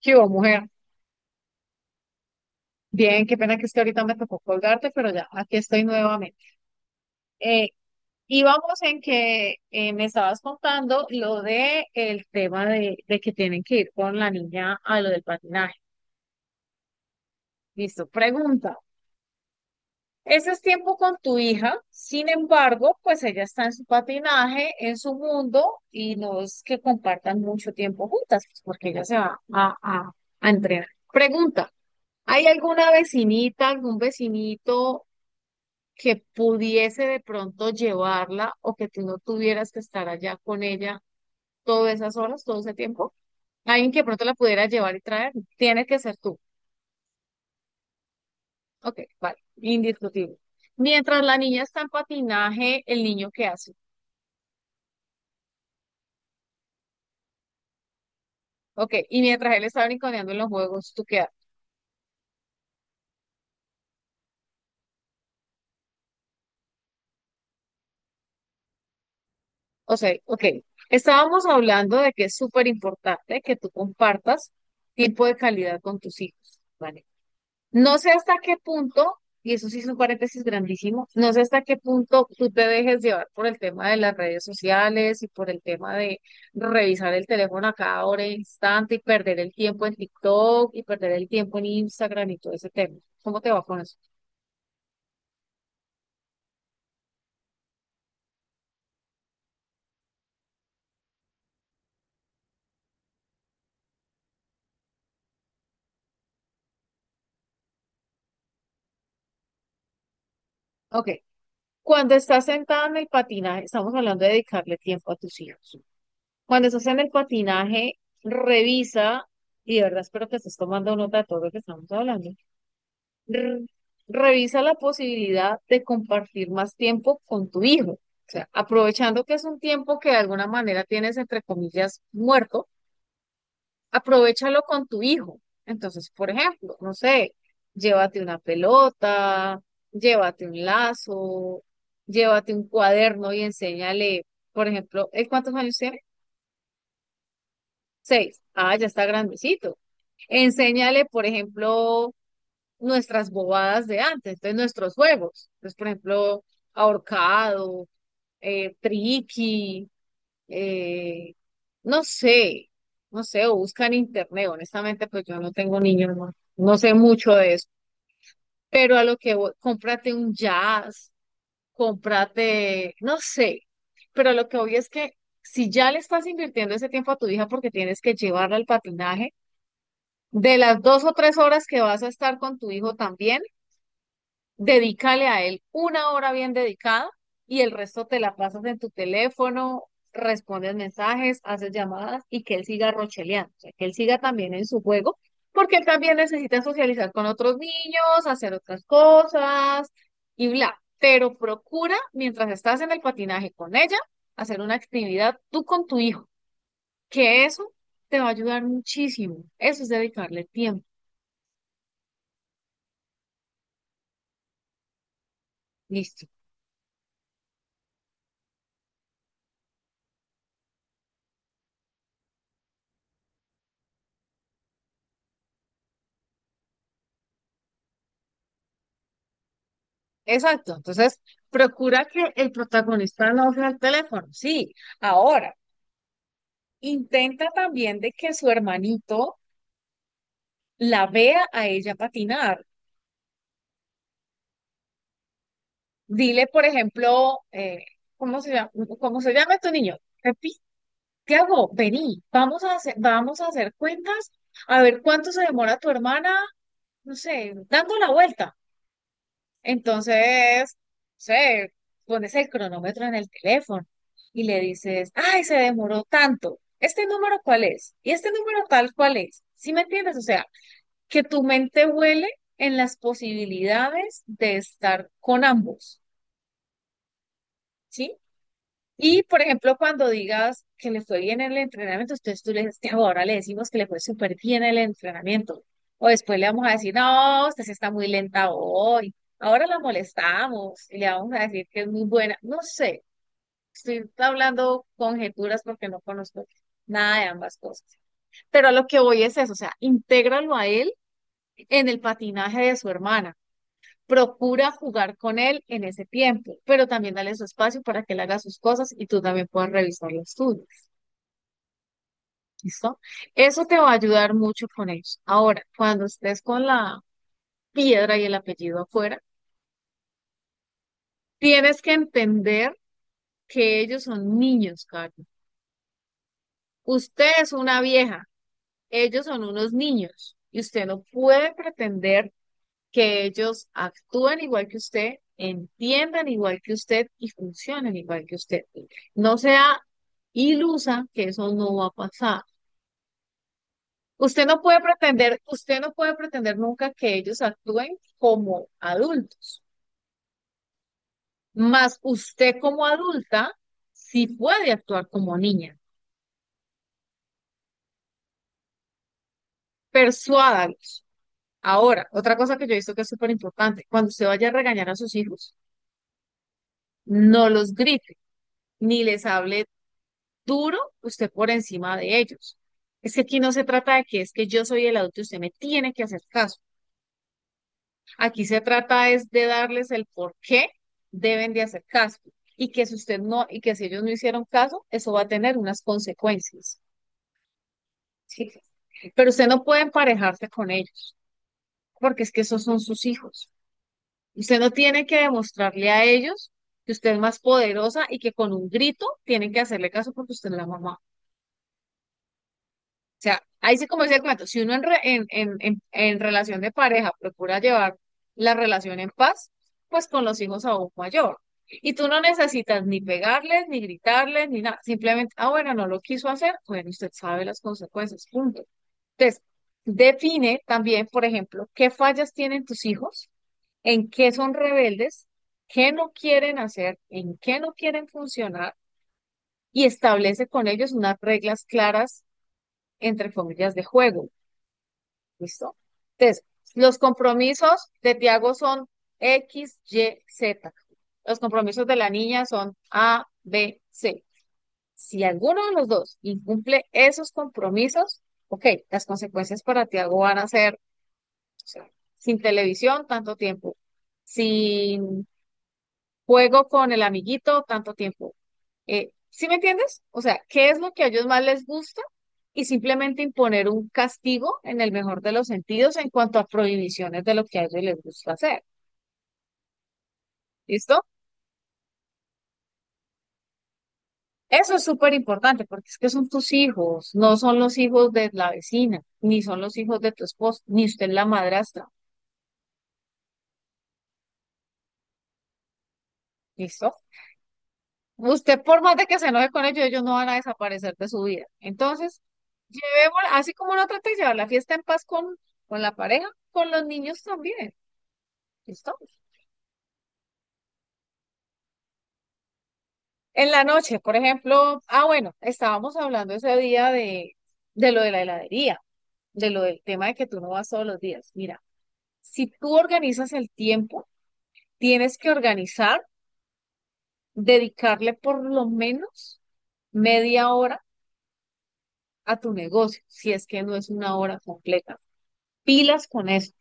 ¿Qué hubo, mujer? Bien, qué pena que es que ahorita me tocó colgarte, pero ya, aquí estoy nuevamente. Eh, Íbamos en que me estabas contando lo de el tema de que tienen que ir con la niña a lo del patinaje. Listo, pregunta. Ese es tiempo con tu hija, sin embargo, pues ella está en su patinaje, en su mundo, y no es que compartan mucho tiempo juntas, pues, porque ella se va a entrenar. Pregunta, ¿hay alguna vecinita, algún vecinito que pudiese de pronto llevarla o que tú no tuvieras que estar allá con ella todas esas horas, todo ese tiempo? Alguien que de pronto la pudiera llevar y traer, tiene que ser tú. Ok, vale, indiscutible. Mientras la niña está en patinaje, el niño qué hace. Ok, y mientras él está brinconeando en los juegos, ¿tú qué haces? O sea, ok, estábamos hablando de que es súper importante que tú compartas tiempo de calidad con tus hijos, ¿vale? No sé hasta qué punto, y eso sí es un paréntesis grandísimo, no sé hasta qué punto tú te dejes llevar por el tema de las redes sociales y por el tema de revisar el teléfono a cada hora e instante y perder el tiempo en TikTok y perder el tiempo en Instagram y todo ese tema. ¿Cómo te va con eso? Ok. Cuando estás sentada en el patinaje, estamos hablando de dedicarle tiempo a tus hijos. Cuando estás en el patinaje, revisa, y de verdad espero que estés tomando nota de todo lo que estamos hablando. r- Revisa la posibilidad de compartir más tiempo con tu hijo. O sea, aprovechando que es un tiempo que de alguna manera tienes, entre comillas, muerto, aprovéchalo con tu hijo. Entonces, por ejemplo, no sé, llévate una pelota, llévate un lazo, llévate un cuaderno y enséñale, por ejemplo, ¿él cuántos años tiene? 6. Ah, ya está grandecito. Enséñale, por ejemplo, nuestras bobadas de antes, entonces nuestros juegos. Entonces, por ejemplo, ahorcado, triqui, eh, no sé, no sé, o buscan en internet. Honestamente, pues yo no tengo niños, no, no sé mucho de eso. Pero a lo que voy, cómprate un jazz, cómprate, no sé. Pero a lo que voy es que si ya le estás invirtiendo ese tiempo a tu hija porque tienes que llevarla al patinaje, de las 2 o 3 horas que vas a estar con tu hijo también, dedícale a él una hora bien dedicada y el resto te la pasas en tu teléfono, respondes mensajes, haces llamadas y que él siga rocheleando, o sea, que él siga también en su juego, porque él también necesita socializar con otros niños, hacer otras cosas y bla. Pero procura, mientras estás en el patinaje con ella, hacer una actividad tú con tu hijo, que eso te va a ayudar muchísimo. Eso es dedicarle tiempo. Listo. Exacto, entonces procura que el protagonista no vea el teléfono, sí. Ahora, intenta también de que su hermanito la vea a ella patinar. Dile, por ejemplo, ¿cómo se llama, cómo se llama tu niño? Pepi, Tiago, vení, vamos a hacer cuentas, a ver cuánto se demora tu hermana, no sé, dando la vuelta. Entonces, no sé, pones el cronómetro en el teléfono y le dices, ay, se demoró tanto. ¿Este número cuál es? ¿Y este número tal cuál es? ¿Sí me entiendes? O sea, que tu mente huele en las posibilidades de estar con ambos, ¿sí? Y, por ejemplo, cuando digas que le fue bien el entrenamiento, entonces tú le dices, "Tiago, ahora le decimos que le fue súper bien el entrenamiento. O después le vamos a decir, no, usted sí está muy lenta hoy. Ahora la molestamos y le vamos a decir que es muy buena". No sé, estoy hablando conjeturas porque no conozco nada de ambas cosas. Pero a lo que voy es eso, o sea, intégralo a él en el patinaje de su hermana. Procura jugar con él en ese tiempo, pero también dale su espacio para que él haga sus cosas y tú también puedas revisar los tuyos. ¿Listo? Eso te va a ayudar mucho con ellos. Ahora, cuando estés con la piedra y el apellido afuera, tienes que entender que ellos son niños, Carlos. Usted es una vieja, ellos son unos niños y usted no puede pretender que ellos actúen igual que usted, entiendan igual que usted y funcionen igual que usted. No sea ilusa que eso no va a pasar. Usted no puede pretender, usted no puede pretender nunca que ellos actúen como adultos. Más usted como adulta sí puede actuar como niña. Persuádalos. Ahora, otra cosa que yo he visto que es súper importante, cuando usted vaya a regañar a sus hijos, no los grite, ni les hable duro, usted por encima de ellos. Es que aquí no se trata de que es que yo soy el adulto y usted me tiene que hacer caso. Aquí se trata es de darles el por qué deben de hacer caso y que si usted no, y que si ellos no hicieron caso, eso va a tener unas consecuencias. ¿Sí? Pero usted no puede emparejarse con ellos, porque es que esos son sus hijos. Usted no tiene que demostrarle a ellos que usted es más poderosa y que con un grito tienen que hacerle caso porque usted es la mamá. O sea, ahí sí como dice el cuento, si uno en, re- en relación de pareja procura llevar la relación en paz, pues con los hijos aún mayor. Y tú no necesitas ni pegarles, ni gritarles, ni nada. Simplemente, ah, bueno, no lo quiso hacer, bueno, usted sabe las consecuencias, punto. Entonces, define también, por ejemplo, qué fallas tienen tus hijos, en qué son rebeldes, qué no quieren hacer, en qué no quieren funcionar, y establece con ellos unas reglas claras, entre comillas, de juego. ¿Listo? Entonces, los compromisos de Tiago son X, Y, Z. Los compromisos de la niña son A, B, C. Si alguno de los dos incumple esos compromisos, ok, las consecuencias para Tiago van a ser, o sea, sin televisión tanto tiempo, sin juego con el amiguito tanto tiempo. ¿Sí me entiendes? O sea, ¿qué es lo que a ellos más les gusta? Y simplemente imponer un castigo en el mejor de los sentidos en cuanto a prohibiciones de lo que a ellos les gusta hacer. ¿Listo? Eso es súper importante porque es que son tus hijos, no son los hijos de la vecina, ni son los hijos de tu esposo, ni usted es la madrastra. ¿Listo? Usted, por más de que se enoje con ellos, ellos no van a desaparecer de su vida. Entonces, llevémosla, así como no trate de llevar la fiesta en paz con, la pareja, con los niños también. ¿Listo? En la noche, por ejemplo, ah, bueno, estábamos hablando ese día de lo de la heladería, de lo del tema de que tú no vas todos los días. Mira, si tú organizas el tiempo, tienes que organizar, dedicarle por lo menos media hora a tu negocio, si es que no es una hora completa. Pilas con eso.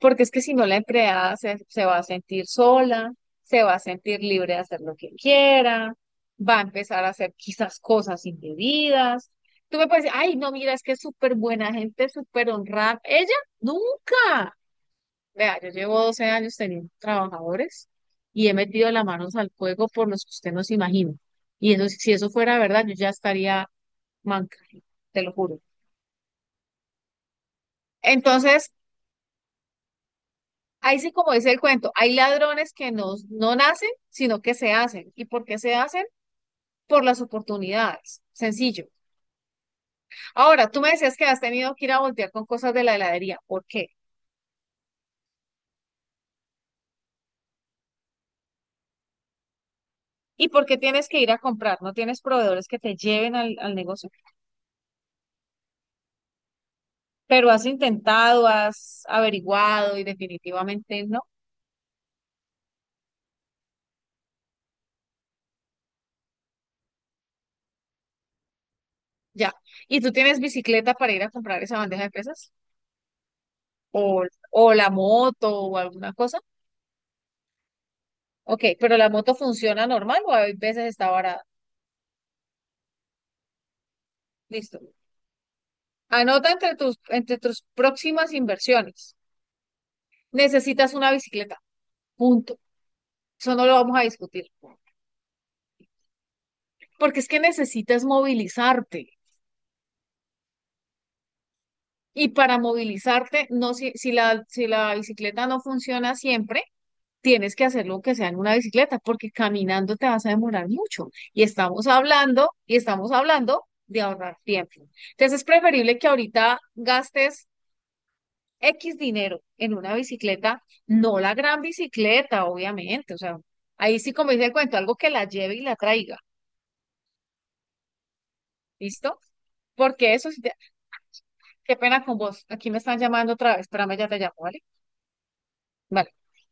Porque es que si no la empleada se va a sentir sola, se va a sentir libre de hacer lo que quiera, va a empezar a hacer quizás cosas indebidas. Tú me puedes decir, ay, no, mira, es que es súper buena gente, súper honrada. Ella nunca. Vea, yo llevo 12 años teniendo trabajadores y he metido las manos al fuego por los que usted no se imagina. Y eso, si eso fuera verdad, yo ya estaría manca, te lo juro. Entonces, ahí sí, como dice el cuento, hay ladrones que no nacen, sino que se hacen. ¿Y por qué se hacen? Por las oportunidades. Sencillo. Ahora, tú me decías que has tenido que ir a voltear con cosas de la heladería. ¿Por qué? ¿Y por qué tienes que ir a comprar? No tienes proveedores que te lleven al, negocio, pero has intentado, has averiguado y definitivamente no. Ya. ¿Y tú tienes bicicleta para ir a comprar esa bandeja de pesas? ¿O, o la moto o alguna cosa? Ok, pero la moto funciona normal o a veces está barata. Listo. Anota entre tus próximas inversiones. Necesitas una bicicleta, punto. Eso no lo vamos a discutir. Porque es que necesitas movilizarte. Y para movilizarte, no, si, si la bicicleta no funciona siempre, tienes que hacerlo que sea en una bicicleta, porque caminando te vas a demorar mucho. Y estamos hablando de ahorrar tiempo. Entonces es preferible que ahorita gastes X dinero en una bicicleta, no la gran bicicleta, obviamente, o sea, ahí sí como dice el cuento, algo que la lleve y la traiga, ¿listo? Porque eso sí, qué pena con vos, aquí me están llamando otra vez, espérame, ya te llamo, ¿vale? Vale.